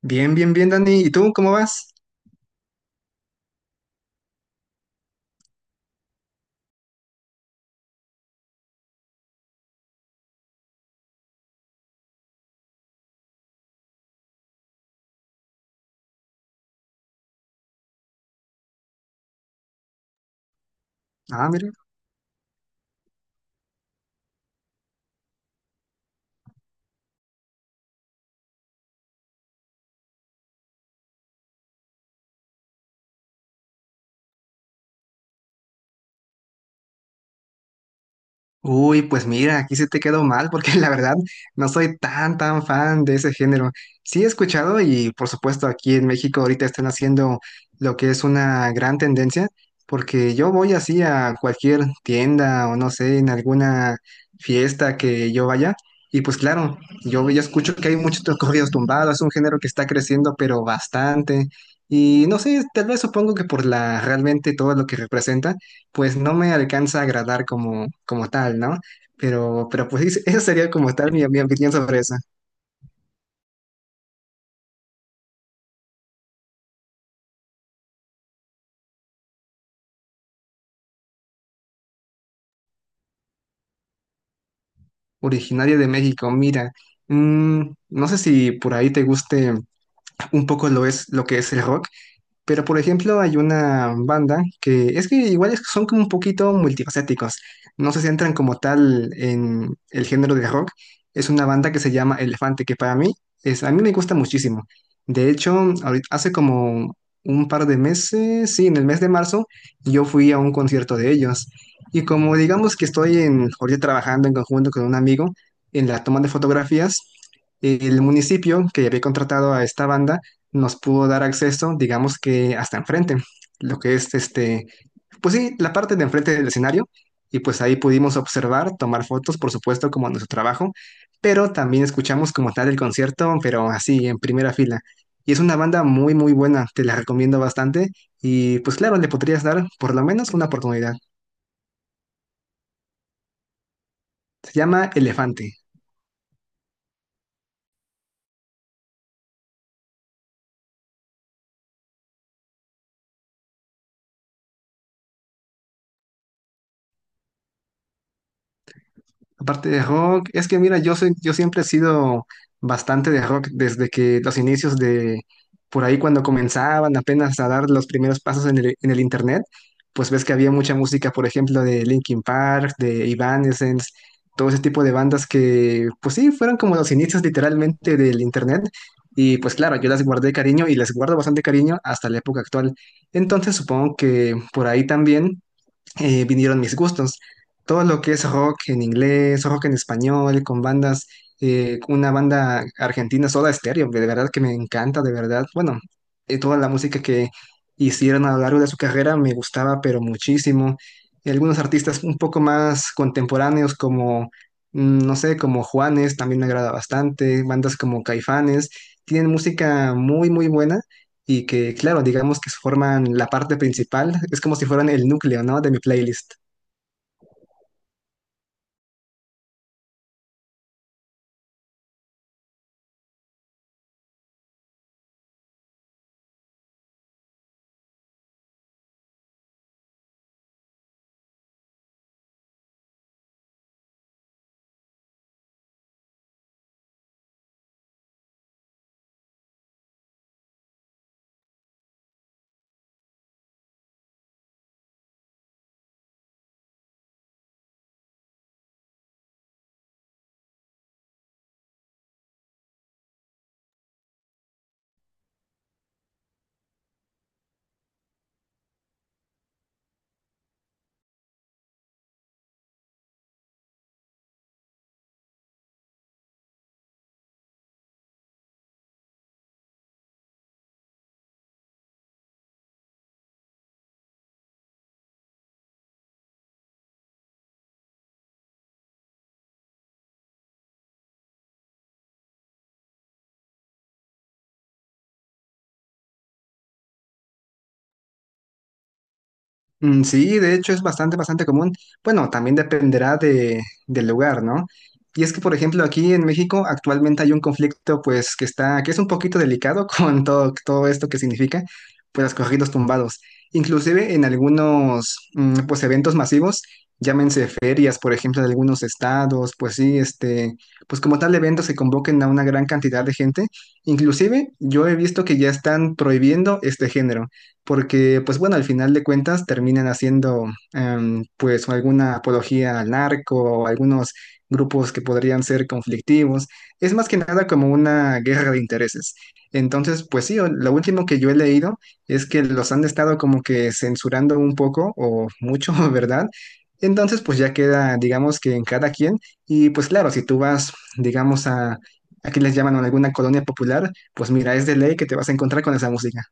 Bien, bien, bien, Dani. ¿Y tú cómo vas? Ah, mira. Uy, pues mira, aquí se te quedó mal porque la verdad no soy tan, tan fan de ese género. Sí he escuchado y por supuesto aquí en México ahorita están haciendo lo que es una gran tendencia porque yo voy así a cualquier tienda o no sé, en alguna fiesta que yo vaya y pues claro, yo ya escucho que hay muchos corridos tumbados, es un género que está creciendo pero bastante y no sé, tal vez supongo que por la realmente todo lo que representa. Pues no me alcanza a agradar como, tal, ¿no? Pero, pues esa sería como tal mi opinión sobre esa. Originaria de México, mira. mm, no sé si por ahí te guste un poco lo que es el rock. Pero, por ejemplo, hay una banda que es que igual son como un poquito multifacéticos. No se centran como tal en el género de rock. Es una banda que se llama Elefante, que para mí es, a mí me gusta muchísimo. De hecho, hace como un par de meses, sí, en el mes de marzo, yo fui a un concierto de ellos. Y como digamos que estoy en, ahorita trabajando en conjunto con un amigo en la toma de fotografías, el municipio que había contratado a esta banda nos pudo dar acceso, digamos que hasta enfrente, lo que es este, pues sí, la parte de enfrente del escenario, y pues ahí pudimos observar, tomar fotos, por supuesto, como nuestro trabajo, pero también escuchamos como tal el concierto, pero así, en primera fila. Y es una banda muy, muy buena, te la recomiendo bastante, y pues claro, le podrías dar por lo menos una oportunidad. Se llama Elefante. Aparte de rock, es que mira, yo siempre he sido bastante de rock desde que los inicios de por ahí cuando comenzaban apenas a dar los primeros pasos en el internet, pues ves que había mucha música, por ejemplo, de Linkin Park, de Evanescence, todo ese tipo de bandas que, pues sí, fueron como los inicios literalmente del internet. Y pues claro, yo las guardé cariño y les guardo bastante cariño hasta la época actual. Entonces supongo que por ahí también vinieron mis gustos. Todo lo que es rock en inglés, rock en español, con bandas, una banda argentina, Soda Stereo, de verdad que me encanta, de verdad. Bueno, toda la música que hicieron a lo largo de su carrera me gustaba, pero muchísimo. Y algunos artistas un poco más contemporáneos, como, no sé, como Juanes, también me agrada bastante. Bandas como Caifanes, tienen música muy, muy buena y que, claro, digamos que forman la parte principal, es como si fueran el núcleo, ¿no? De mi playlist. Mm, sí, de hecho es bastante, bastante común. Bueno, también dependerá de, del lugar, ¿no? Y es que, por ejemplo, aquí en México actualmente hay un conflicto, pues, que está, que es un poquito delicado con todo, todo esto que significa, pues, los corridos tumbados. Inclusive en algunos, pues, eventos masivos, llámense ferias, por ejemplo, de algunos estados, pues sí, este, pues como tal eventos que convoquen a una gran cantidad de gente. Inclusive yo he visto que ya están prohibiendo este género porque pues bueno, al final de cuentas terminan haciendo pues alguna apología al narco o algunos grupos que podrían ser conflictivos. Es más que nada como una guerra de intereses. Entonces, pues sí, lo último que yo he leído es que los han estado como que censurando un poco o mucho, ¿verdad? Entonces, pues ya queda, digamos que en cada quien. Y pues claro, si tú vas, digamos, a, aquí les llaman a alguna colonia popular, pues mira, es de ley que te vas a encontrar con esa música.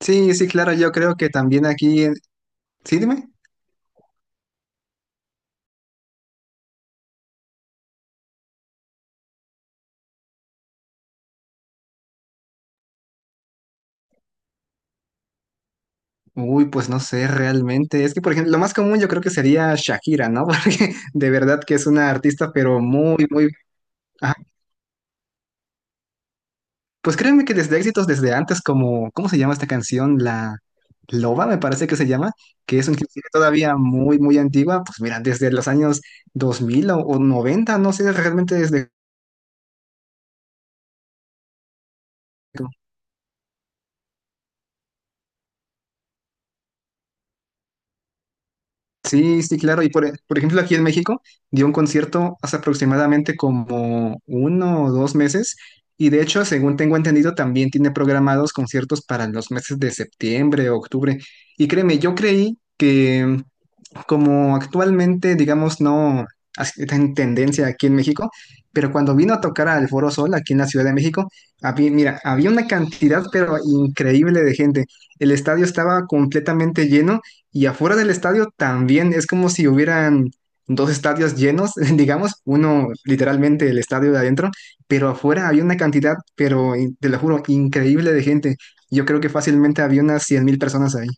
Sí, sí, claro, yo creo que también aquí, sí, dime. Uy, pues no sé realmente. Es que, por ejemplo, lo más común yo creo que sería Shakira, ¿no? Porque de verdad que es una artista, pero muy, muy... Ajá. Pues créeme que desde éxitos desde antes, como, ¿cómo se llama esta canción? La Loba, me parece que se llama, que es inclusive todavía muy, muy antigua. Pues mira, desde los años 2000 o 90, no sé realmente desde... Sí, sí, claro. Y por, por ejemplo, aquí en México dio un concierto hace aproximadamente como uno o dos meses. Y de hecho, según tengo entendido, también tiene programados conciertos para los meses de septiembre, octubre. Y créeme, yo creí que como actualmente, digamos, no está en tendencia aquí en México, pero cuando vino a tocar al Foro Sol aquí en la Ciudad de México, había, mira, había una cantidad, pero increíble de gente. El estadio estaba completamente lleno y afuera del estadio también es como si hubieran dos estadios llenos, digamos, uno literalmente el estadio de adentro, pero afuera había una cantidad, pero te lo juro, increíble de gente. Yo creo que fácilmente había unas 100,000 personas ahí.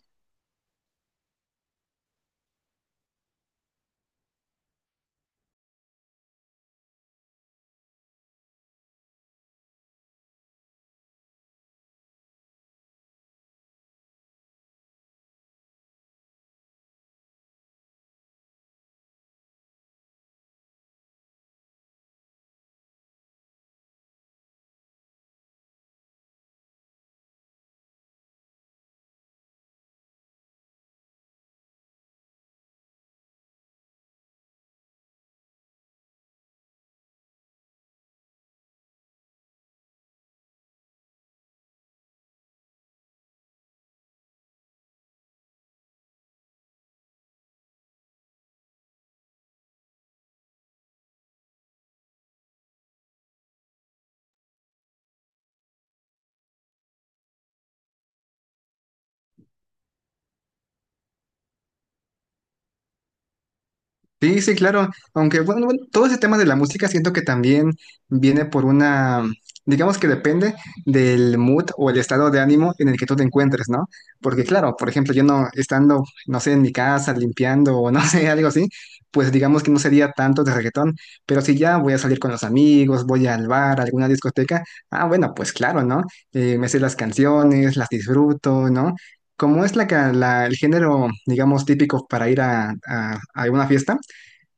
Sí, sí, claro. Aunque, bueno, bueno, todo ese tema de la música siento que también viene por una, digamos que depende del mood o el estado de ánimo en el que tú te encuentres, ¿no? Porque, claro, por ejemplo, yo no estando, no sé, en mi casa limpiando o no sé, algo así, pues digamos que no sería tanto de reggaetón. Pero si ya voy a salir con los amigos, voy al bar, a alguna discoteca, ah, bueno, pues claro, ¿no? Me sé las canciones, las disfruto, ¿no? Como es la, el género, digamos, típico para ir a, a una fiesta,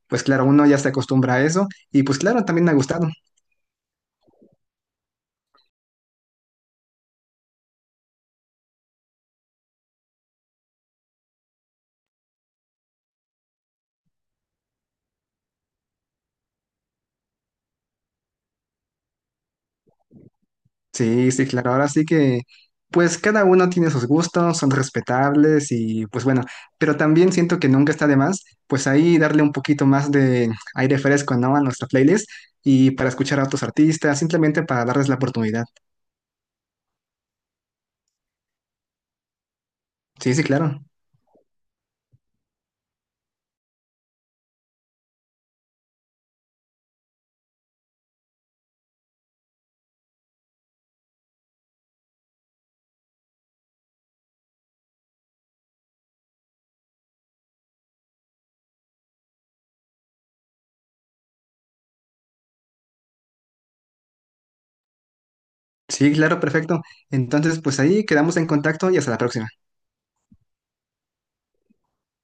pues claro, uno ya se acostumbra a eso y pues claro, también me ha gustado. Sí, sí, claro. Ahora sí que, pues cada uno tiene sus gustos, son respetables y pues bueno, pero también siento que nunca está de más, pues ahí darle un poquito más de aire fresco, ¿no? A nuestra playlist y para escuchar a otros artistas, simplemente para darles la oportunidad. Sí, sí, claro. Sí, claro, perfecto. Entonces, pues ahí quedamos en contacto y hasta la próxima.